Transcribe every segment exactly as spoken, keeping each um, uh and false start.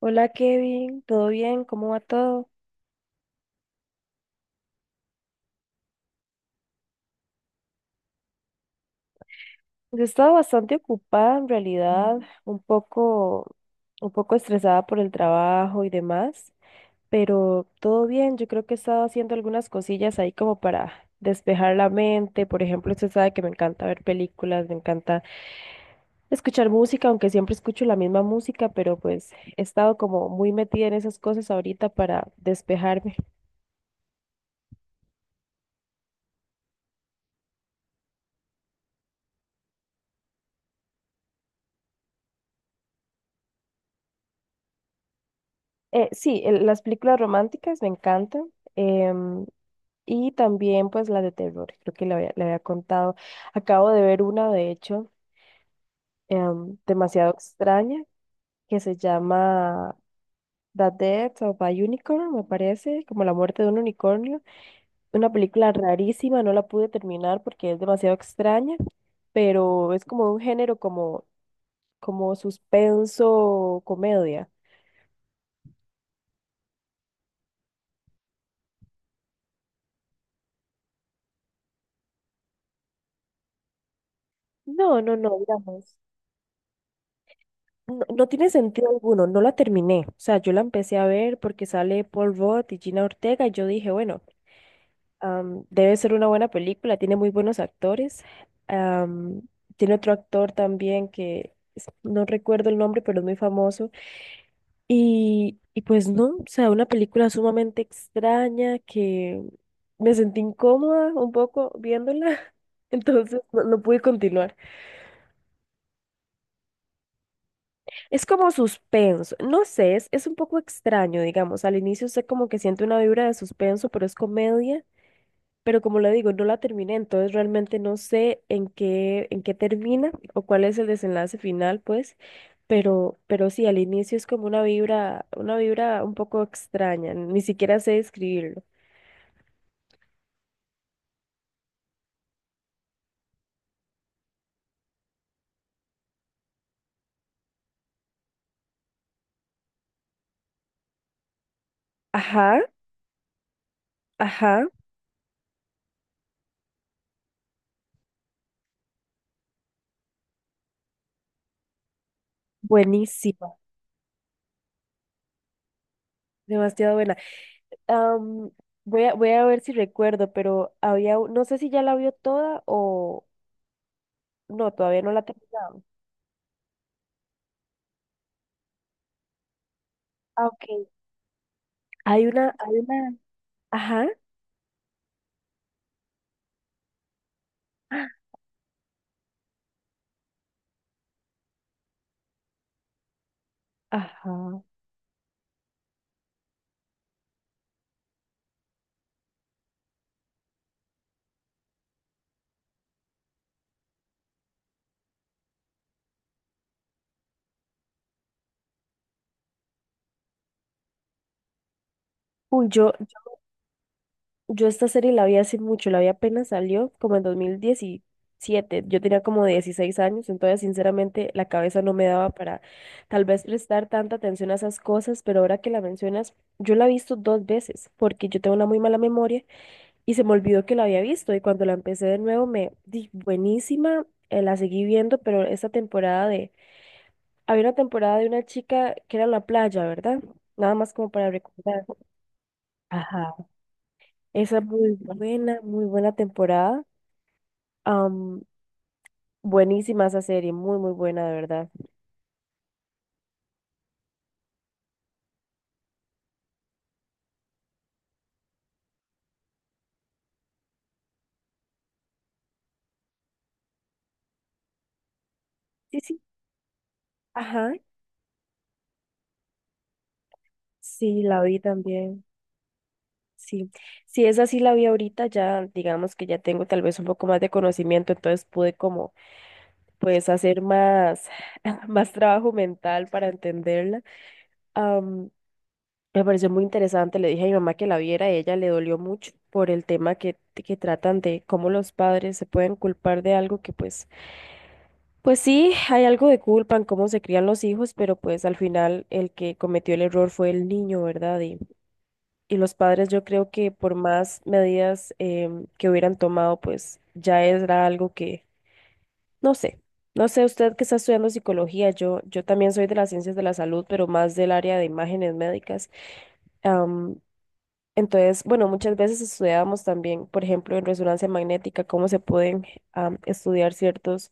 Hola Kevin, ¿todo bien? ¿Cómo va todo? Yo he estado bastante ocupada en realidad, un poco, un poco estresada por el trabajo y demás, pero todo bien. Yo creo que he estado haciendo algunas cosillas ahí como para despejar la mente. Por ejemplo, usted sabe que me encanta ver películas, me encanta escuchar música, aunque siempre escucho la misma música, pero pues he estado como muy metida en esas cosas ahorita para despejarme. Eh, sí, el- las películas románticas me encantan. em, Y también pues las de terror, creo que le había, le había contado. Acabo de ver una, de hecho, em, demasiado extraña, que se llama The Death of a Unicorn, me parece, como la muerte de un unicornio. Una película rarísima, no la pude terminar porque es demasiado extraña, pero es como un género como, como suspenso, comedia. No, no, no, digamos. No, no tiene sentido alguno, no la terminé. O sea, yo la empecé a ver porque sale Paul Rudd y Gina Ortega y yo dije, bueno, Am, debe ser una buena película, tiene muy buenos actores. Am, Tiene otro actor también que es- no recuerdo el nombre, pero es muy famoso. Y, y pues no, o sea, una película sumamente extraña que me sentí incómoda un poco viéndola. Entonces no, no pude continuar. Es como suspenso, no sé, es, es un poco extraño, digamos. Al inicio sé como que siento una vibra de suspenso, pero es comedia. Pero como le digo, no la terminé, entonces realmente no sé en qué, en qué termina o cuál es el desenlace final, pues, pero, pero sí, al inicio es como una vibra, una vibra un poco extraña, ni siquiera sé describirlo. Ajá, ajá, buenísima, demasiado buena. Am, voy a, voy a ver si recuerdo, pero había, un- no sé si ya la vio toda o no, todavía no la he terminado. Ah, ok. Hay una, hay una, ajá. Ajá. Uy, yo, yo esta serie la vi hace mucho, la vi apenas salió, como en dos mil diecisiete. Yo tenía como dieciséis años, entonces sinceramente la cabeza no me daba para tal vez prestar tanta atención a esas cosas, pero ahora que la mencionas, yo la he visto dos veces porque yo tengo una muy mala memoria y se me olvidó que la había visto y cuando la empecé de nuevo me di buenísima, eh, la seguí viendo, pero esta temporada de... Había una temporada de una chica que era en la playa, ¿verdad? Nada más como para recordar. Ajá. Esa es muy buena, muy buena temporada. Am, buenísima esa serie, muy, muy buena, de verdad. Sí, sí, ajá, sí, la vi también. Sí, sí, esa sí la vi ahorita, ya digamos que ya tengo tal vez un poco más de conocimiento, entonces pude como pues hacer más, más trabajo mental para entenderla. Am, me pareció muy interesante, le dije a mi mamá que la viera y ella le dolió mucho por el tema que, que tratan de cómo los padres se pueden culpar de algo que pues Pues sí, hay algo de culpa en cómo se crían los hijos, pero pues al final el que cometió el error fue el niño, ¿verdad? Y, y los padres yo creo que por más medidas em, que hubieran tomado, pues ya era algo que, no sé, no sé, usted que está estudiando psicología, yo, yo también soy de las ciencias de la salud, pero más del área de imágenes médicas. am, entonces, bueno, muchas veces estudiábamos también, por ejemplo, en resonancia magnética, cómo se pueden am, estudiar ciertos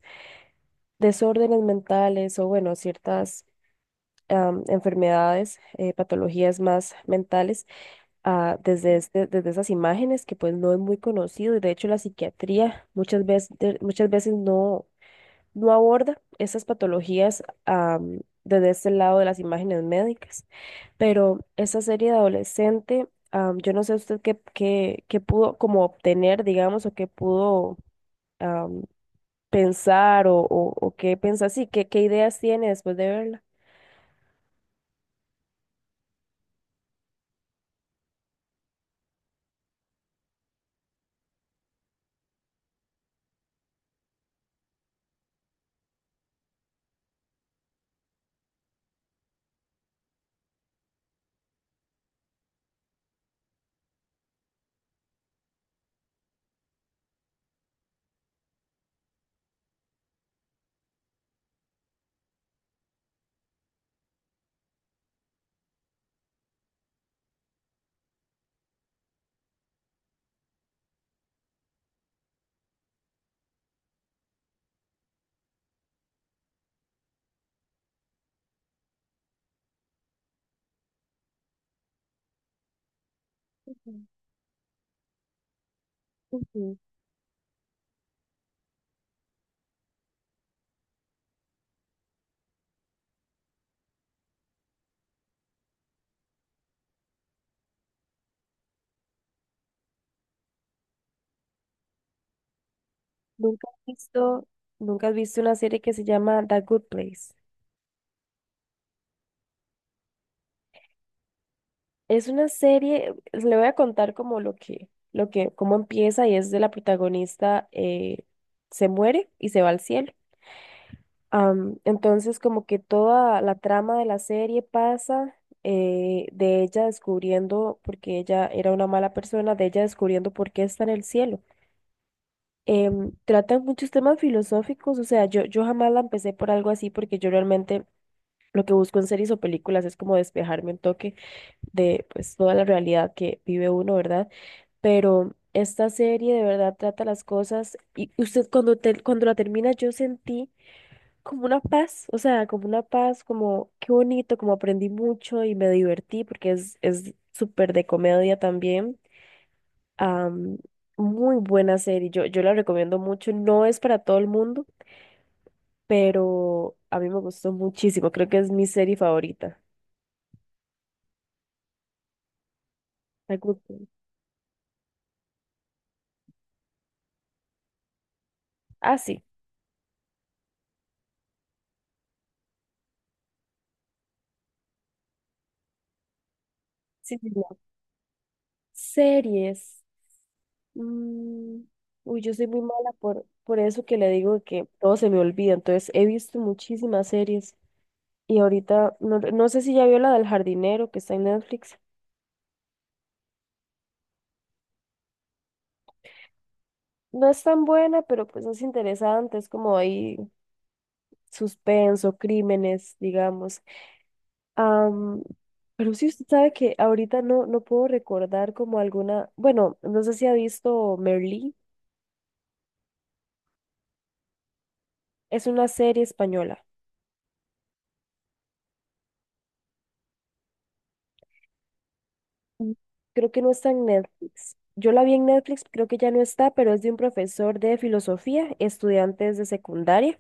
desórdenes mentales o bueno, ciertas am, enfermedades, eh, patologías más mentales, ah, desde este, desde esas imágenes que pues no es muy conocido y de hecho la psiquiatría muchas veces, de- muchas veces no, no aborda esas patologías am, desde este lado de las imágenes médicas. Pero esa serie de adolescente, am, yo no sé usted qué, qué, qué pudo como obtener, digamos, o qué pudo am, pensar o, o, o qué pensar, sí, qué, qué ideas tiene después de verla. Ujú. Nunca has visto, nunca has visto una serie que se llama The Good Place. Es una serie, pues, le voy a contar como lo que, lo que, cómo empieza y es de la protagonista eh, se muere y se va al cielo. Am, entonces como que toda la trama de la serie pasa eh, de ella descubriendo, porque ella era una mala persona, de ella descubriendo por qué está en el cielo. Em, tratan muchos temas filosóficos, o sea, yo, yo jamás la empecé por algo así porque yo realmente lo que busco en series o películas es como despejarme un toque de pues toda la realidad que vive uno, ¿verdad? Pero esta serie de verdad trata las cosas y usted cuando te- cuando la termina yo sentí como una paz, o sea, como una paz, como qué bonito, como aprendí mucho y me divertí porque es es súper de comedia también. Am, muy buena serie, yo yo la recomiendo mucho, no es para todo el mundo, pero a mí me gustó muchísimo, creo que es mi serie favorita. La Good Place. Ah, sí. Sí, sí, no. Series. Mm, uy, yo soy muy mala por, por eso que le digo que todo se me olvida. Entonces, he visto muchísimas series. Y ahorita, no, no sé si ya vio la del jardinero que está en Netflix. No es tan buena, pero pues es interesante. Es como ahí suspenso, crímenes, digamos. Am, pero sí, usted sabe que ahorita no, no puedo recordar como alguna. Bueno, no sé si ha visto Merlí. Es una serie española. Mm, Creo que no está en Netflix. Yo la vi en Netflix, creo que ya no está, pero es de un profesor de filosofía, estudiantes de secundaria.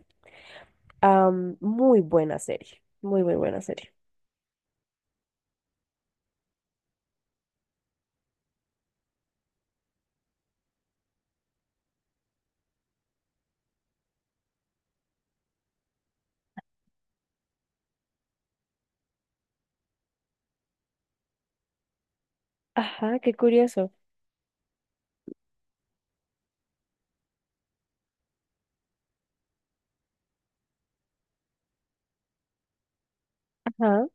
Am, muy buena serie, muy, muy buena serie. Ajá, qué curioso. Ajá,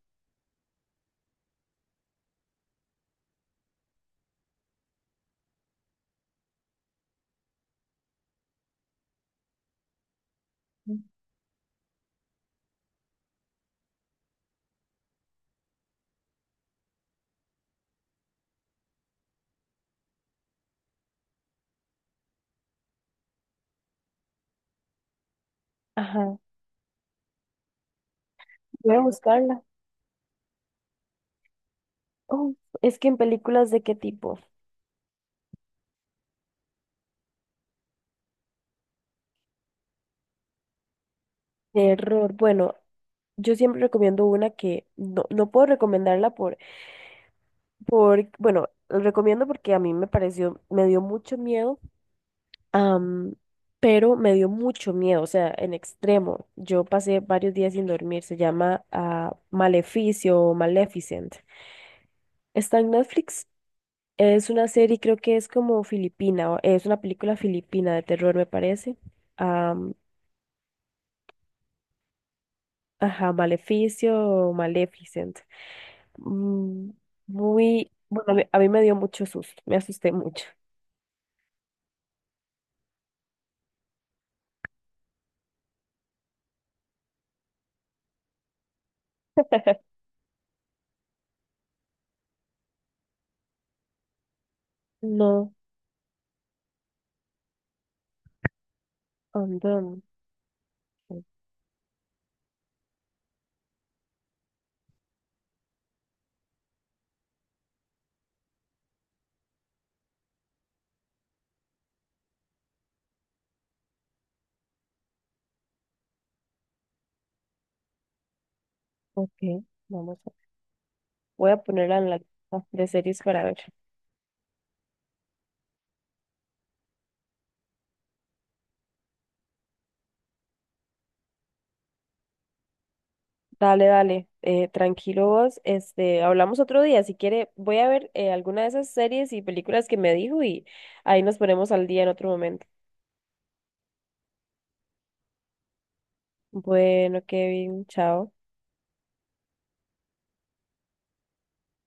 ajá. Voy a buscarla. Oh, es que en películas de qué tipo? Terror. Bueno, yo siempre recomiendo una que no, no puedo recomendarla por, por, bueno, recomiendo porque a mí me pareció, me dio mucho miedo. Am, pero me dio mucho miedo, o sea, en extremo. Yo pasé varios días sin dormir. Se llama ah, Maleficio o Maleficent. Está en Netflix. Es una serie, creo que es como filipina, o- es una película filipina de terror, me parece. Am, ajá, Maleficio o Maleficent. Mm, muy, bueno, a mí, a mí, me dio mucho susto, me asusté mucho. No, andamos. Ok, vamos a, voy a ponerla en la lista de series para ver. Dale, dale, eh, tranquilo vos. Este, hablamos otro día. Si quiere, voy a ver eh, alguna de esas series y películas que me dijo y ahí nos ponemos al día en otro momento. Bueno, Kevin, chao.